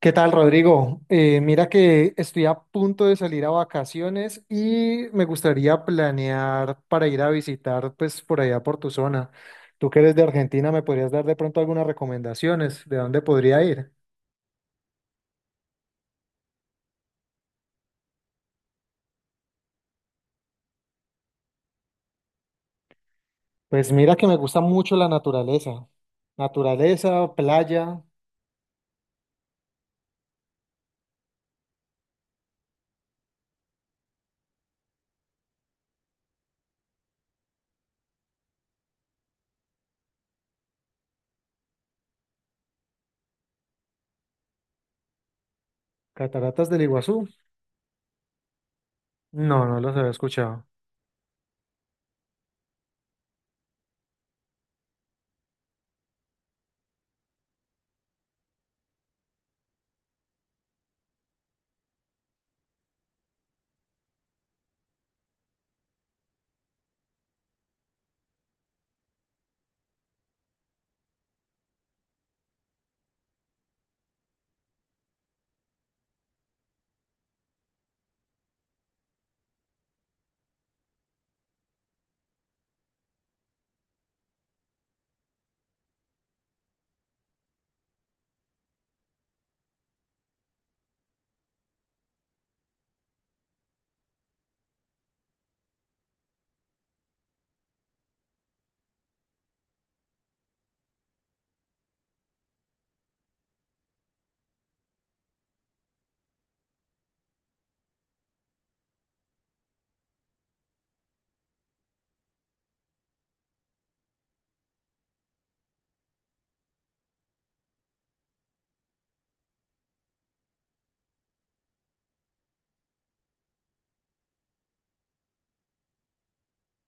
¿Qué tal, Rodrigo? Mira que estoy a punto de salir a vacaciones y me gustaría planear para ir a visitar, pues, por allá por tu zona. Tú que eres de Argentina, ¿me podrías dar de pronto algunas recomendaciones de dónde podría ir? Pues mira que me gusta mucho la naturaleza. Naturaleza, playa, cataratas del Iguazú. No, no los había escuchado.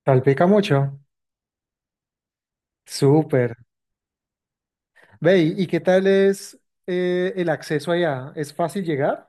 ¿Salpica mucho? Súper. Ve, ¿y qué tal es el acceso allá? ¿Es fácil llegar?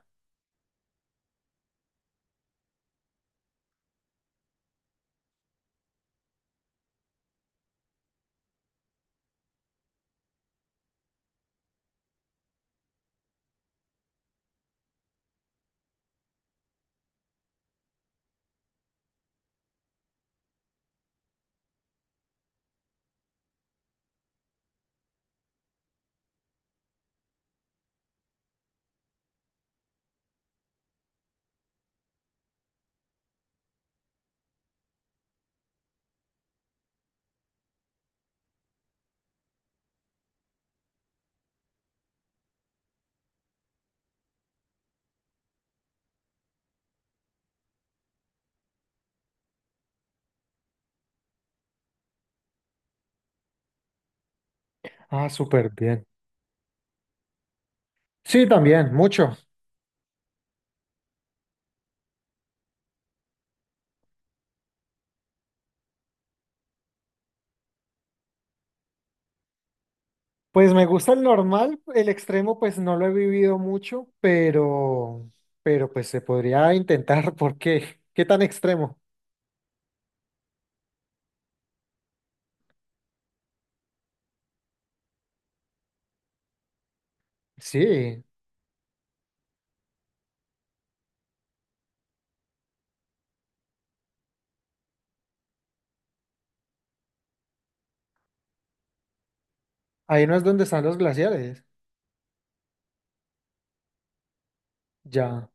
Ah, súper bien. Sí, también, mucho. Pues me gusta el normal, el extremo pues no lo he vivido mucho, pero pues se podría intentar, ¿por qué? ¿Qué tan extremo? Sí, ahí no es donde están los glaciares, ya,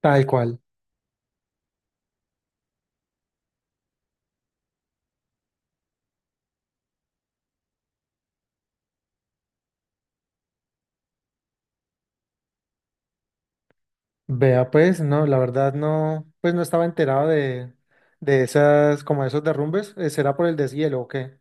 tal cual. Vea, pues no, la verdad no, pues no estaba enterado de esas, como esos derrumbes. ¿Será por el deshielo o qué?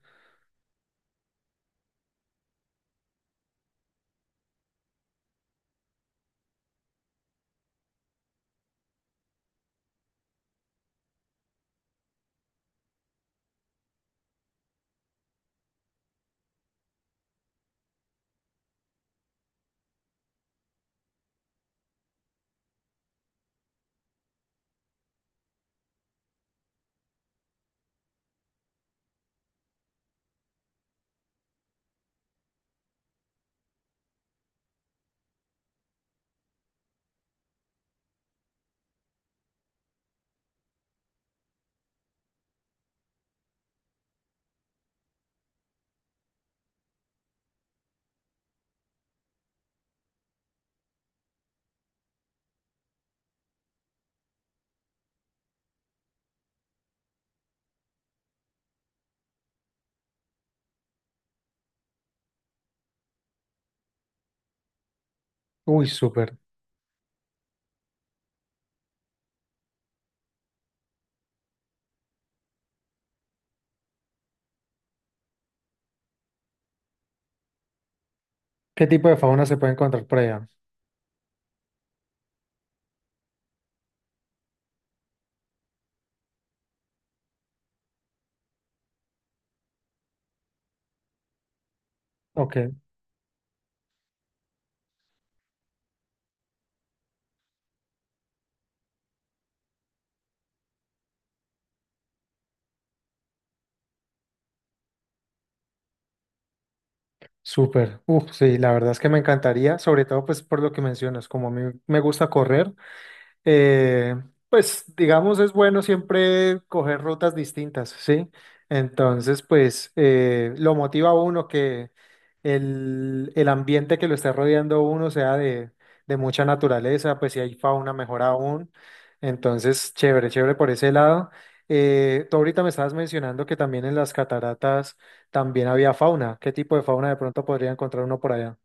Uy, súper. ¿Qué tipo de fauna se puede encontrar por allá? Ok. Súper. Uf, sí, la verdad es que me encantaría, sobre todo pues por lo que mencionas, como a mí me gusta correr, eh, pues digamos es bueno siempre coger rutas distintas, ¿sí? Entonces, pues lo motiva a uno que el ambiente que lo está rodeando a uno sea de mucha naturaleza, pues si hay fauna mejor aún. Entonces, chévere, chévere por ese lado. Tú ahorita me estabas mencionando que también en las cataratas también había fauna. ¿Qué tipo de fauna de pronto podría encontrar uno por allá?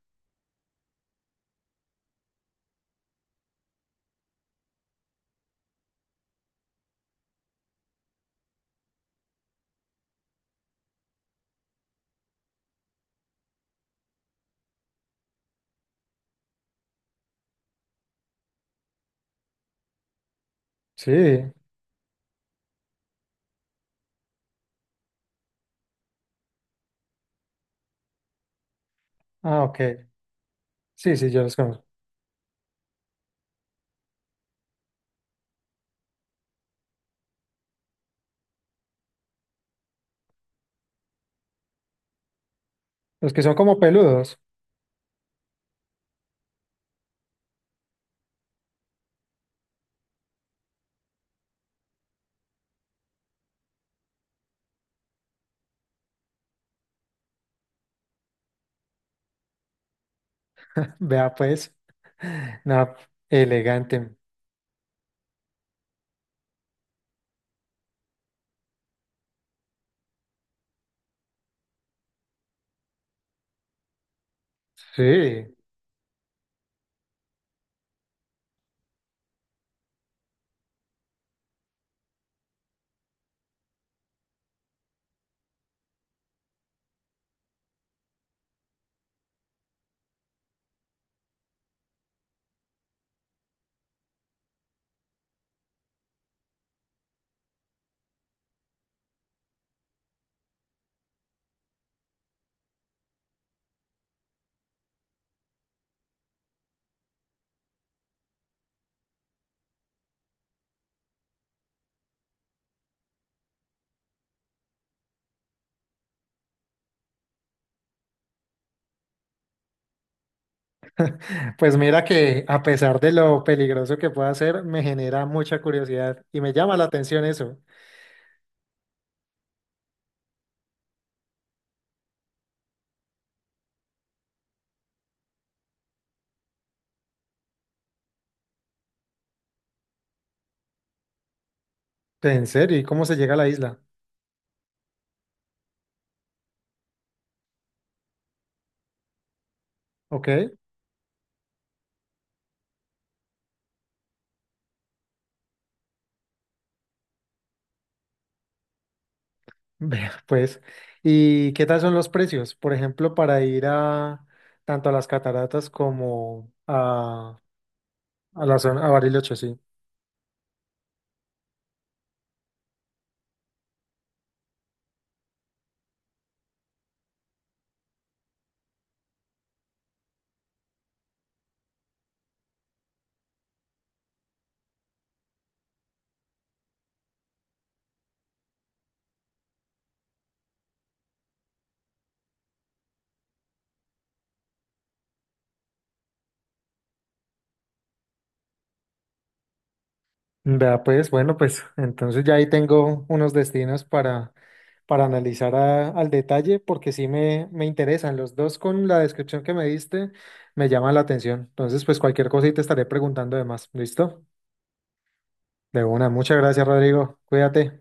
Sí, ah, ok. Sí, sí, yo los conozco. Los que son como peludos. Vea pues, no, elegante. Sí, pues mira que a pesar de lo peligroso que pueda ser, me genera mucha curiosidad y me llama la atención eso. ¿En serio? ¿Y cómo se llega a la isla? Ok, vea pues. ¿Y qué tal son los precios? Por ejemplo, para ir a tanto a las cataratas como a la zona, a Bariloche, sí. Vea pues, bueno, pues entonces ya ahí tengo unos destinos para analizar a- al detalle porque sí me interesan. Los dos con la descripción que me diste me llaman la atención. Entonces, pues cualquier cosa y te estaré preguntando de más. ¿Listo? De una. Muchas gracias, Rodrigo. Cuídate.